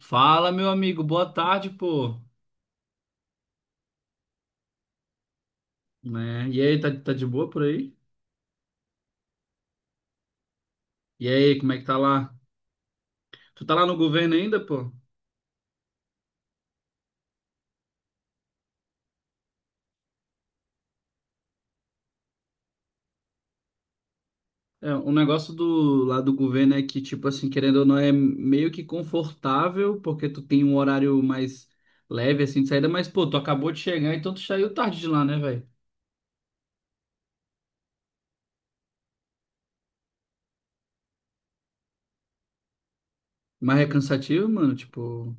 Fala, meu amigo, boa tarde, pô. Né? E aí, tá, de boa por aí? E aí, como é que tá lá? Tu tá lá no governo ainda, pô? É, o negócio do lá do governo é que, tipo assim, querendo ou não, é meio que confortável, porque tu tem um horário mais leve, assim, de saída, mas, pô, tu acabou de chegar, então tu saiu tarde de lá, né, velho? Mas é cansativo, mano, tipo,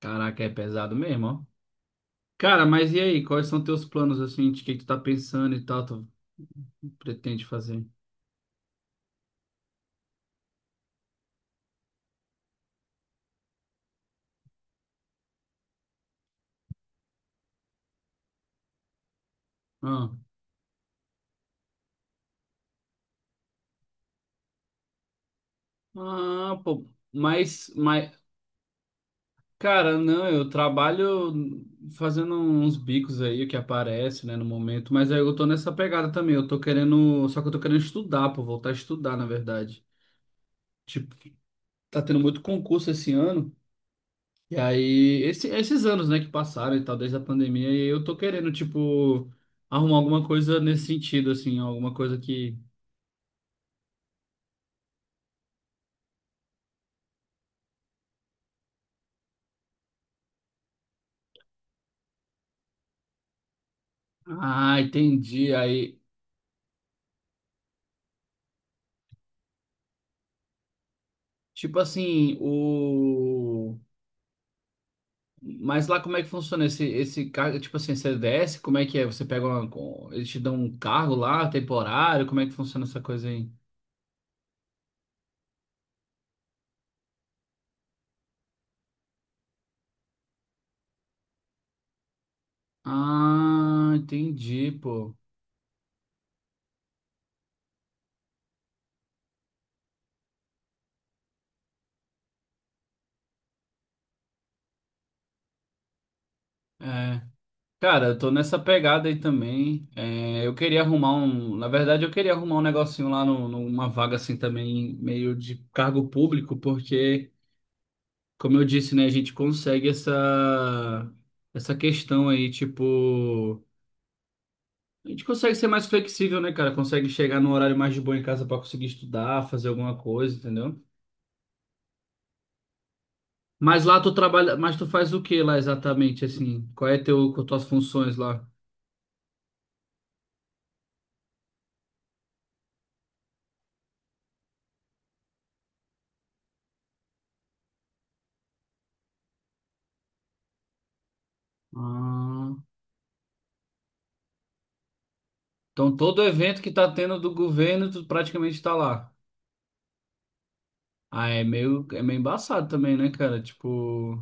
caraca, é pesado mesmo, ó. Cara, mas e aí, quais são teus planos, assim, de que tu tá pensando e tal, tu pretende fazer? Ah. Ah, pô, mas, cara, não, eu trabalho fazendo uns bicos aí que aparece, né, no momento, mas aí eu tô nessa pegada também, eu tô querendo, só que eu tô querendo estudar, pô, voltar a estudar, na verdade. Tipo, tá tendo muito concurso esse ano, e aí, esses anos, né, que passaram e tal, desde a pandemia, e eu tô querendo, tipo, arrumar alguma coisa nesse sentido, assim, alguma coisa que... Ah, entendi, aí, tipo assim, o... Mas lá como é que funciona esse, esse cargo? Tipo assim, você desce, como é que é? Você pega uma. Eles te dão um cargo lá, temporário? Como é que funciona essa coisa aí? Ah, entendi, pô. É. Cara, eu tô nessa pegada aí também. É, eu queria arrumar um. Na verdade, eu queria arrumar um negocinho lá no, numa vaga assim também, meio de cargo público, porque, como eu disse, né, a gente consegue essa, essa questão aí, tipo. A gente consegue ser mais flexível, né, cara? Consegue chegar num horário mais de boa em casa pra conseguir estudar, fazer alguma coisa, entendeu? Mas lá tu trabalha, mas tu faz o que lá exatamente, assim? Qual é teu, qual tuas funções lá? Ah, então todo evento que tá tendo do governo, tu praticamente tá lá. Ah, é meio embaçado também, né, cara? Tipo,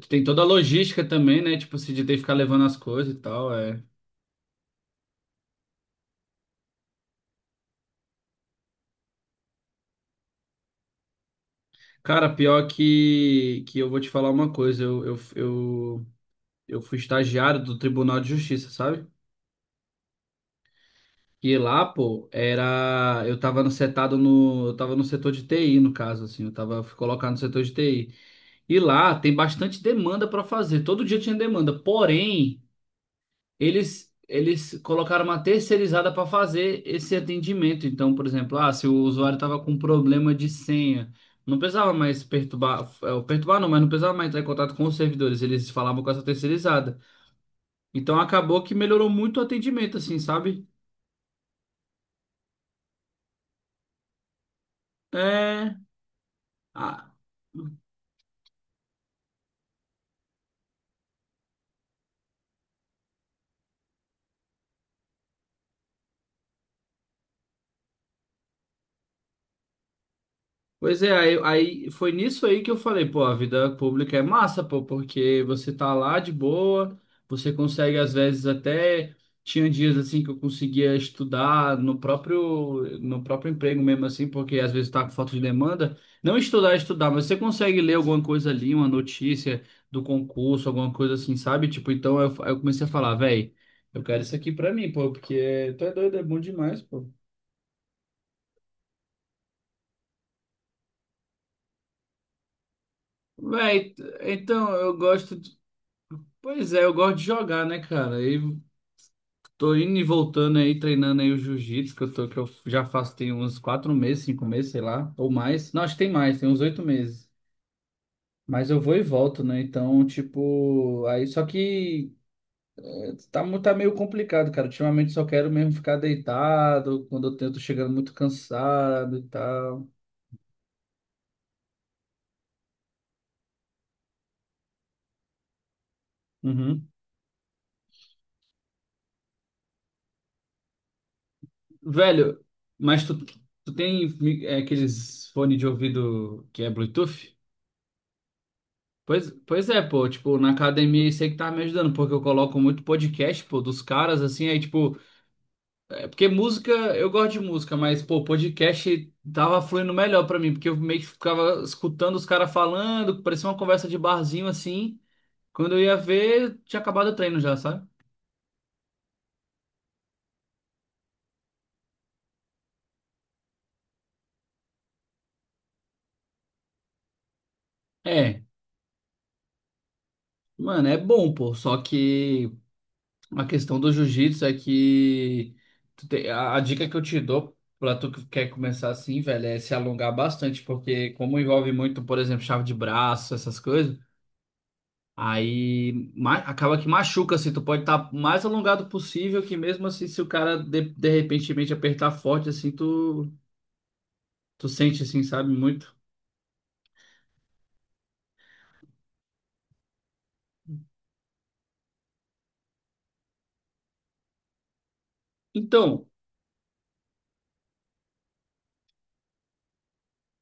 tu tem toda a logística também, né? Tipo, assim, de ter que ficar levando as coisas e tal, é. Cara, pior que eu vou te falar uma coisa, eu fui estagiário do Tribunal de Justiça, sabe? E lá, pô, era. Eu tava no setado no. Eu tava no setor de TI, no caso, assim. Eu tava, fui colocado no setor de TI. E lá tem bastante demanda pra fazer. Todo dia tinha demanda. Porém, Eles colocaram uma terceirizada pra fazer esse atendimento. Então, por exemplo, ah, se o usuário tava com problema de senha, não precisava mais perturbar, perturbar não, mas não precisava mais entrar em contato com os servidores. Eles falavam com essa terceirizada. Então acabou que melhorou muito o atendimento, assim, sabe? É. a- Pois é, aí foi nisso aí que eu falei, pô, a vida pública é massa, pô, porque você tá lá de boa, você consegue às vezes até tinha dias assim que eu conseguia estudar no próprio no próprio emprego mesmo assim, porque às vezes tá com falta de demanda, não estudar, é estudar, mas você consegue ler alguma coisa ali, uma notícia do concurso, alguma coisa assim, sabe? Tipo, então eu comecei a falar, véi, eu quero isso aqui pra mim, pô, porque tu é doido, é bom demais, pô. Véi, então eu gosto. Pois é, eu gosto de jogar, né, cara? Eu tô indo e voltando aí, treinando aí o jiu-jitsu, que eu tô, que eu já faço tem uns quatro meses, cinco meses, sei lá, ou mais. Não, acho que tem mais, tem uns oito meses. Mas eu vou e volto, né? Então, tipo, aí só que tá, tá meio complicado, cara. Ultimamente só quero mesmo ficar deitado, quando eu tento chegando muito cansado e tal. Uhum. Velho, mas tu, tu tem aqueles fones de ouvido que é Bluetooth? Pois é, pô, tipo, na academia isso aí que tá me ajudando, porque eu coloco muito podcast, pô, dos caras, assim, aí, tipo, é, porque música, eu gosto de música, mas, pô, podcast tava fluindo melhor pra mim, porque eu meio que ficava escutando os caras falando, parecia uma conversa de barzinho, assim, quando eu ia ver, tinha acabado o treino já, sabe? É, mano, é bom, pô, só que a questão do jiu-jitsu é que a dica que eu te dou pra tu que quer começar assim, velho, é se alongar bastante, porque como envolve muito, por exemplo, chave de braço, essas coisas, aí acaba que machuca, assim, tu pode estar mais alongado possível, que mesmo assim, se o cara de repentemente apertar forte, assim, tu, tu sente, assim, sabe, muito. Então,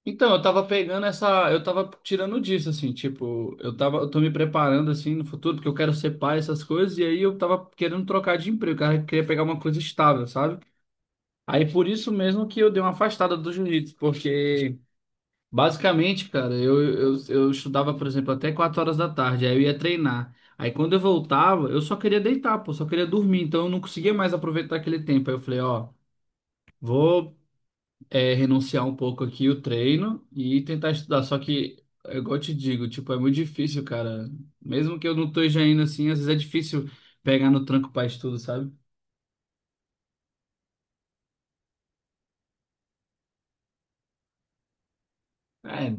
Então, eu tava pegando essa, eu tava tirando disso assim, tipo, eu tava, eu tô me preparando assim no futuro, porque eu quero ser pai, essas coisas, e aí eu tava querendo trocar de emprego, cara, eu queria pegar uma coisa estável, sabe? Aí por isso mesmo que eu dei uma afastada do jiu-jitsu, porque basicamente, cara, eu estudava, por exemplo, até 4 horas da tarde, aí eu ia treinar. Aí quando eu voltava, eu só queria deitar, pô, só queria dormir, então eu não conseguia mais aproveitar aquele tempo. Aí eu falei, ó, vou é renunciar um pouco aqui o treino e tentar estudar. Só que, é igual eu te digo, tipo, é muito difícil, cara. Mesmo que eu não esteja indo assim, às vezes é difícil pegar no tranco pra estudo, sabe? É,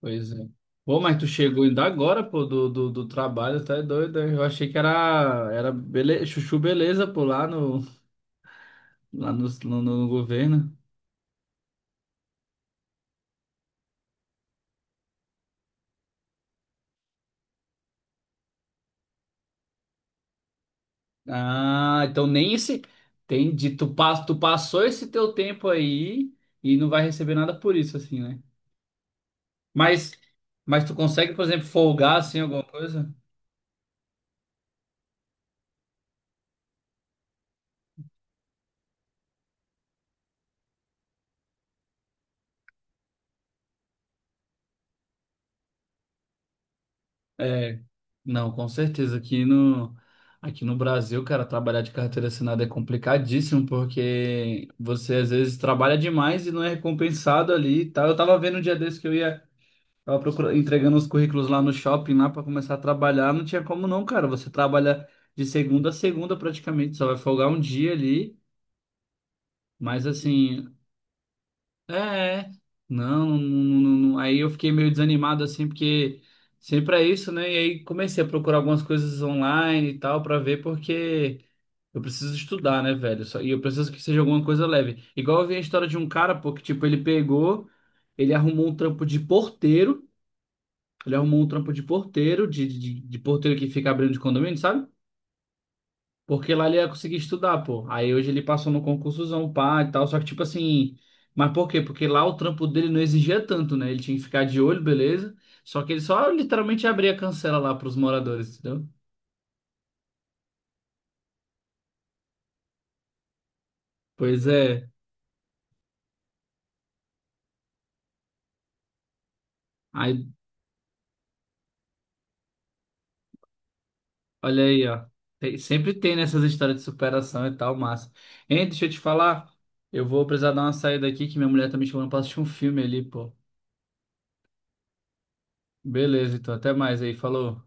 pois é. Pô, mas tu chegou ainda agora, pô, do trabalho, tá doido, hein? Eu achei que era, era bele... chuchu beleza, pô, lá no governo. Ah, então nem esse... Entendi, tu, tu passou esse teu tempo aí e não vai receber nada por isso, assim, né? Mas, mas tu consegue, por exemplo, folgar assim alguma coisa? É, não, com certeza. Aqui no Brasil, cara, trabalhar de carteira assinada é complicadíssimo porque você às vezes trabalha demais e não é recompensado ali e tal. Eu tava vendo um dia desse que eu ia, tava procurando, entregando os currículos lá no shopping lá para começar a trabalhar. Não tinha como não, cara. Você trabalha de segunda a segunda praticamente, só vai folgar um dia ali. Mas assim, é, é, não, aí eu fiquei meio desanimado assim, porque sempre é isso, né? E aí comecei a procurar algumas coisas online e tal pra ver, porque eu preciso estudar, né, velho? E eu preciso que seja alguma coisa leve. Igual eu vi a história de um cara, pô, que tipo, ele pegou, ele arrumou um trampo de porteiro, ele arrumou um trampo de porteiro, de porteiro que fica abrindo de condomínio, sabe? Porque lá ele ia conseguir estudar, pô. Aí hoje ele passou no concursozão, pá, e tal. Só que, tipo assim. Mas por quê? Porque lá o trampo dele não exigia tanto, né? Ele tinha que ficar de olho, beleza. Só que ele só literalmente abria a cancela lá pros moradores, entendeu? Pois é. Aí, olha aí, ó. Sempre tem nessas histórias de superação e tal, massa. Hein, deixa eu te falar. Eu vou precisar dar uma saída aqui, que minha mulher tá me chamando pra assistir um filme ali, pô. Beleza, então até mais aí. Falou.